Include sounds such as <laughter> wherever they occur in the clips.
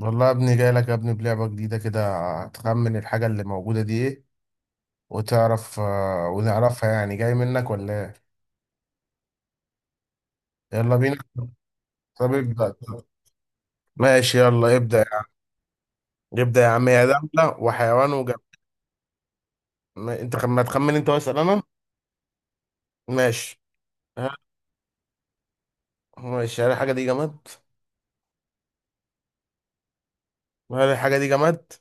والله يا ابني، جاي لك يا ابني بلعبة جديدة كده. هتخمن الحاجة اللي موجودة دي ايه؟ وتعرف ونعرفها، يعني جاي منك ولا ايه. يلا بينا. طب ابدأ. ماشي، يلا ابدأ يا عم. ابدأ يا عم، يا دولة وحيوان وجماد. ما تخمن انت واسأل انا. ماشي. ها. ماشي، هل الحاجة دي جماد؟ هل الحاجة دي جماد؟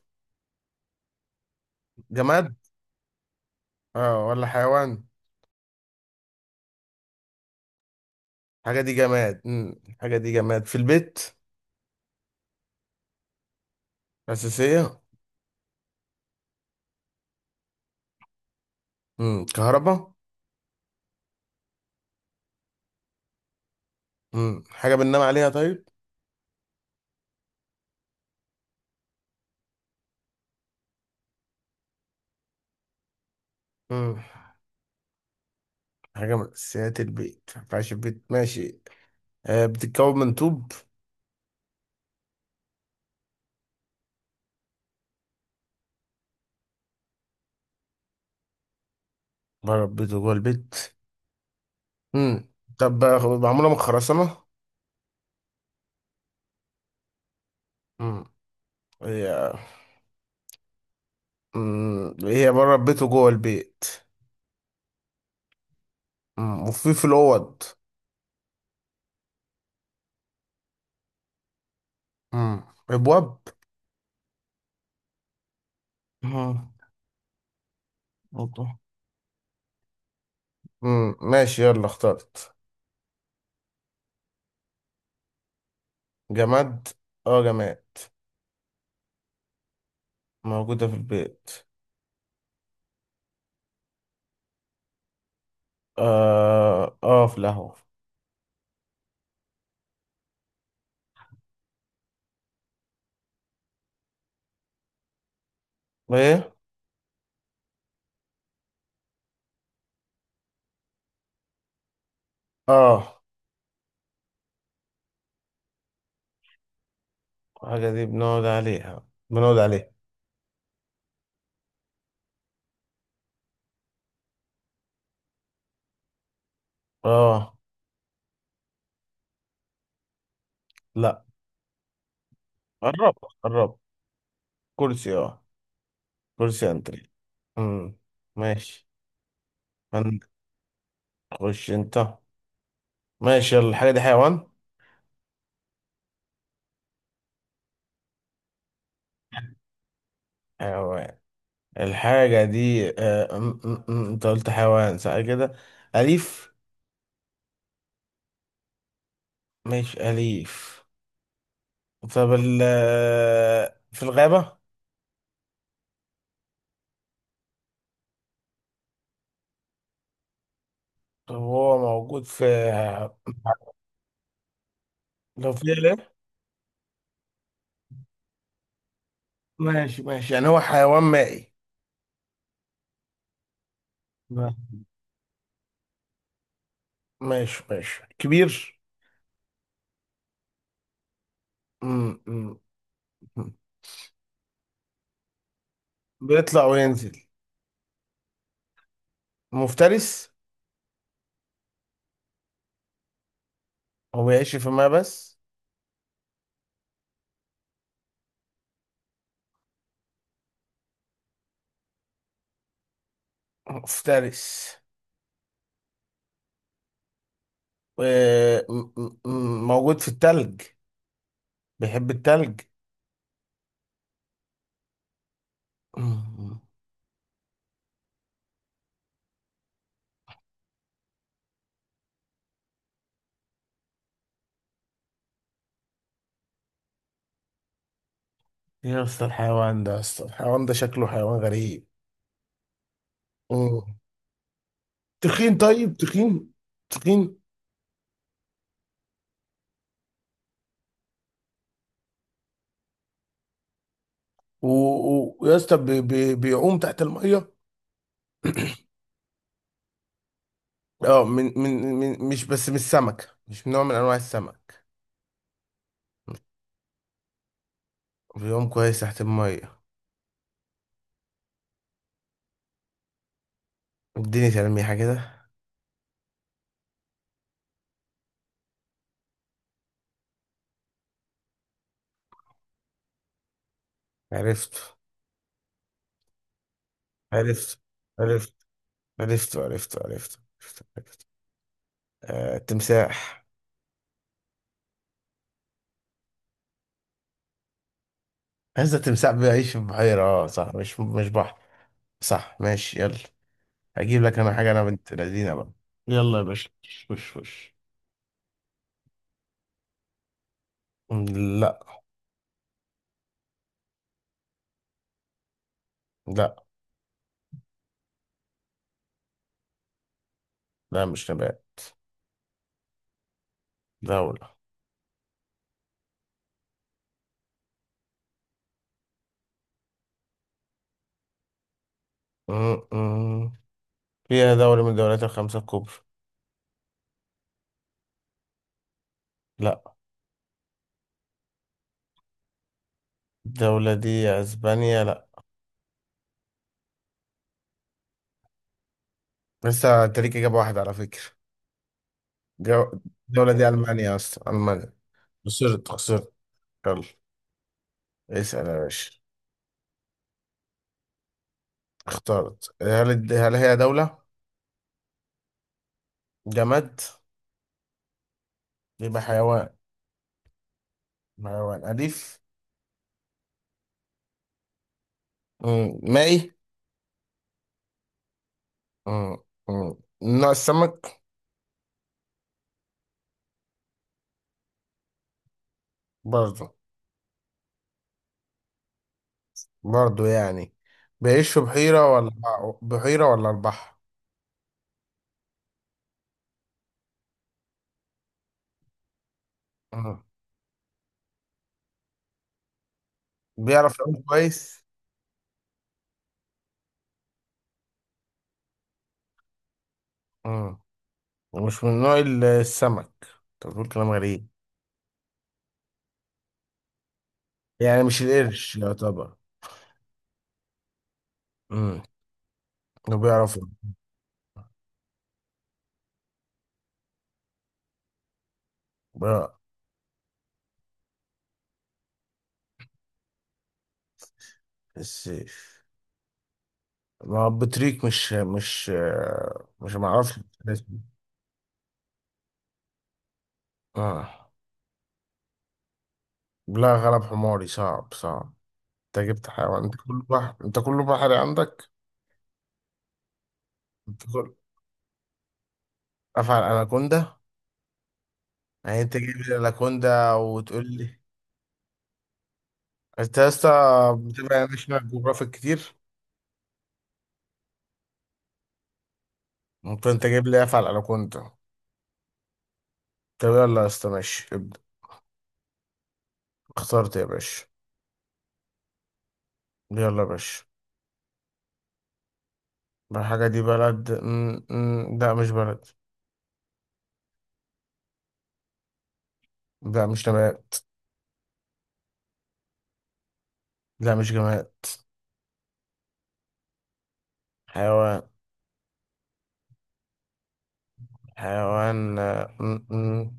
جماد. اه ولا حيوان؟ الحاجة دي جماد. الحاجة دي جماد في البيت. أساسية. كهرباء. حاجة بننام عليها؟ طيب. مم. حاجة من أساسيات البيت، ما ينفعش البيت. ماشي. آه، بتتكون من طوب؟ بره البيت وجوه البيت. مم. طب معمولة من خرسانة؟ مم. هي. مم. هي بره البيت وجوه البيت. مم. وفي الأوض. مم. أبواب. مم. أوضة. مم. ماشي، يلا اخترت. جماد. اه جماد. موجودة في البيت. اه، اه، في القهوة. ايه. اه، الحاجة دي بنقعد عليها، بنقعد عليها. اه. لا. قربت قربت. كرسي، اه. كرسي انتري. امم ماشي. عندك؟ خش انت. ماشي، يلا الحاجة دي حيوان. حيوان. الحاجة دي آه، أم- أم- أم، انت قلت حيوان صح كده؟ أليف. مش أليف. طب ال آه، في الغابة؟ طب هو موجود في؟ لو في ليه؟ ماشي ماشي، يعني هو حيوان مائي. نعم. ماشي ماشي، كبير. أم- أم- أم. بيطلع وينزل. مفترس. هو يعيش في ما بس. مفترس. و- موجود في التلج. بيحب التلج. مم. ايه يا اسطى الحيوان ده، يا اسطى الحيوان ده شكله حيوان غريب. مم. تخين، طيب تخين. تخين. و- ويا اسطى، بيعوم تحت الميه. اه، من مش بس، مش سمكة، مش من نوع من انواع السمك. بيعوم كويس تحت الميه. اديني تلميحة كده. عرفته. عرفت عرفت عرفت عرفت عرفت. عرفت. آه، تمساح. هذا التمساح بيعيش في بحيرة، اه؟ صح، مش بحر. صح، ماشي، يلا. هجيب لك انا حاجة، انا بنت لذينة بقى. يلا يا باشا. وش وش. لا. لا. لا مش نبات. دولة. م- م. فيها دولة من الدولات الخمسة الكبرى. لا. الدولة دي اسبانيا؟ لا. لسه انت ليك اجابة واحدة على فكرة. جو... الدولة دي المانيا، اصلا المانيا. خسرت خسرت. يلا. اسأل يا باشا. اخترت، هل هي دولة؟ جماد؟ يبقى حيوان. حيوان أليف؟ مم. مائي؟ مم. مم. من نوع السمك؟ برضه. برضه يعني. بيعيش في بحيرة ولا؟ بحيرة ولا البحر؟ مم. بيعرف يعوم كويس. مم. ومش من نوع السمك؟ طب بتقول كلام غريب. يعني مش القرش يعتبر؟ مم. انه بيعرف. بقى. السيف. ما هو بطريق مش. مش معرفش. اسمه. آه. لا، غلب حماري، صعب صعب. انت جبت حيوان، انت كله بحر، انت كله بحري عندك. انت كله. افعل اناكوندا. يعني انت جايب لي اناكوندا وتقول لي؟ انت يا اسطى، بتبقى ناشونال جيوغرافيك كتير. ممكن انت جايب لي افعل اناكوندا. طب يلا يا اسطى، ماشي ابدا. اخترت يا باشا. يلا يا باشا. ما الحاجة دي بلد، لا مش بلد. لا مش نبات. لا مش جماد. حيوان. حيوان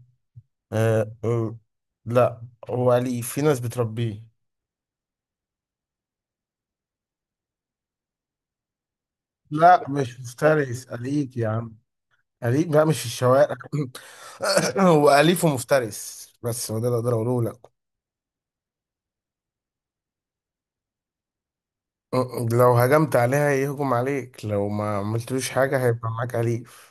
آه، آه، لا. هو أليف، في ناس بتربيه. لا، مش مفترس، أليف يا عم. أليف بقى، مش في الشوارع. <coughs> هو أليف ومفترس بس، هو ده اللي أقدر أقوله لك. لو هجمت عليها يهجم عليك، لو ما عملتلوش حاجة هيبقى معاك أليف.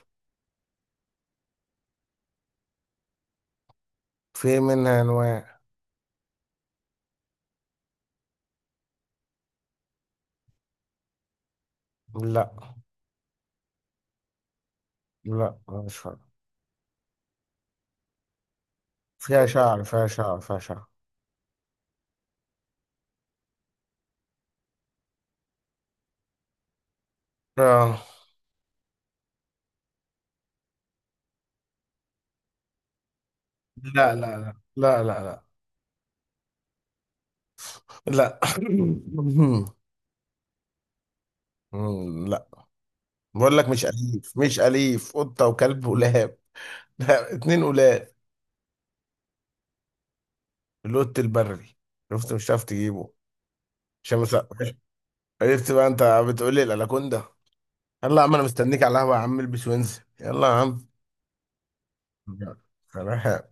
في منها أنواع. لا، لا مش فاهم. فيها شعر، فيها شعر، فيها شعر. آه. لا لا لا لا لا لا لا. <coughs> لا. بقول لك مش أليف، مش أليف، قطة وكلب ولاب. لا اتنين ولاب. اللوت البري. شفت، مش هتعرف تجيبه. عشان بس. عرفت بقى انت. بتقول لي الاناكوندا. يلا يا عم، انا مستنيك على القهوه يا عم، البس وانزل يلا يا عم. سلام.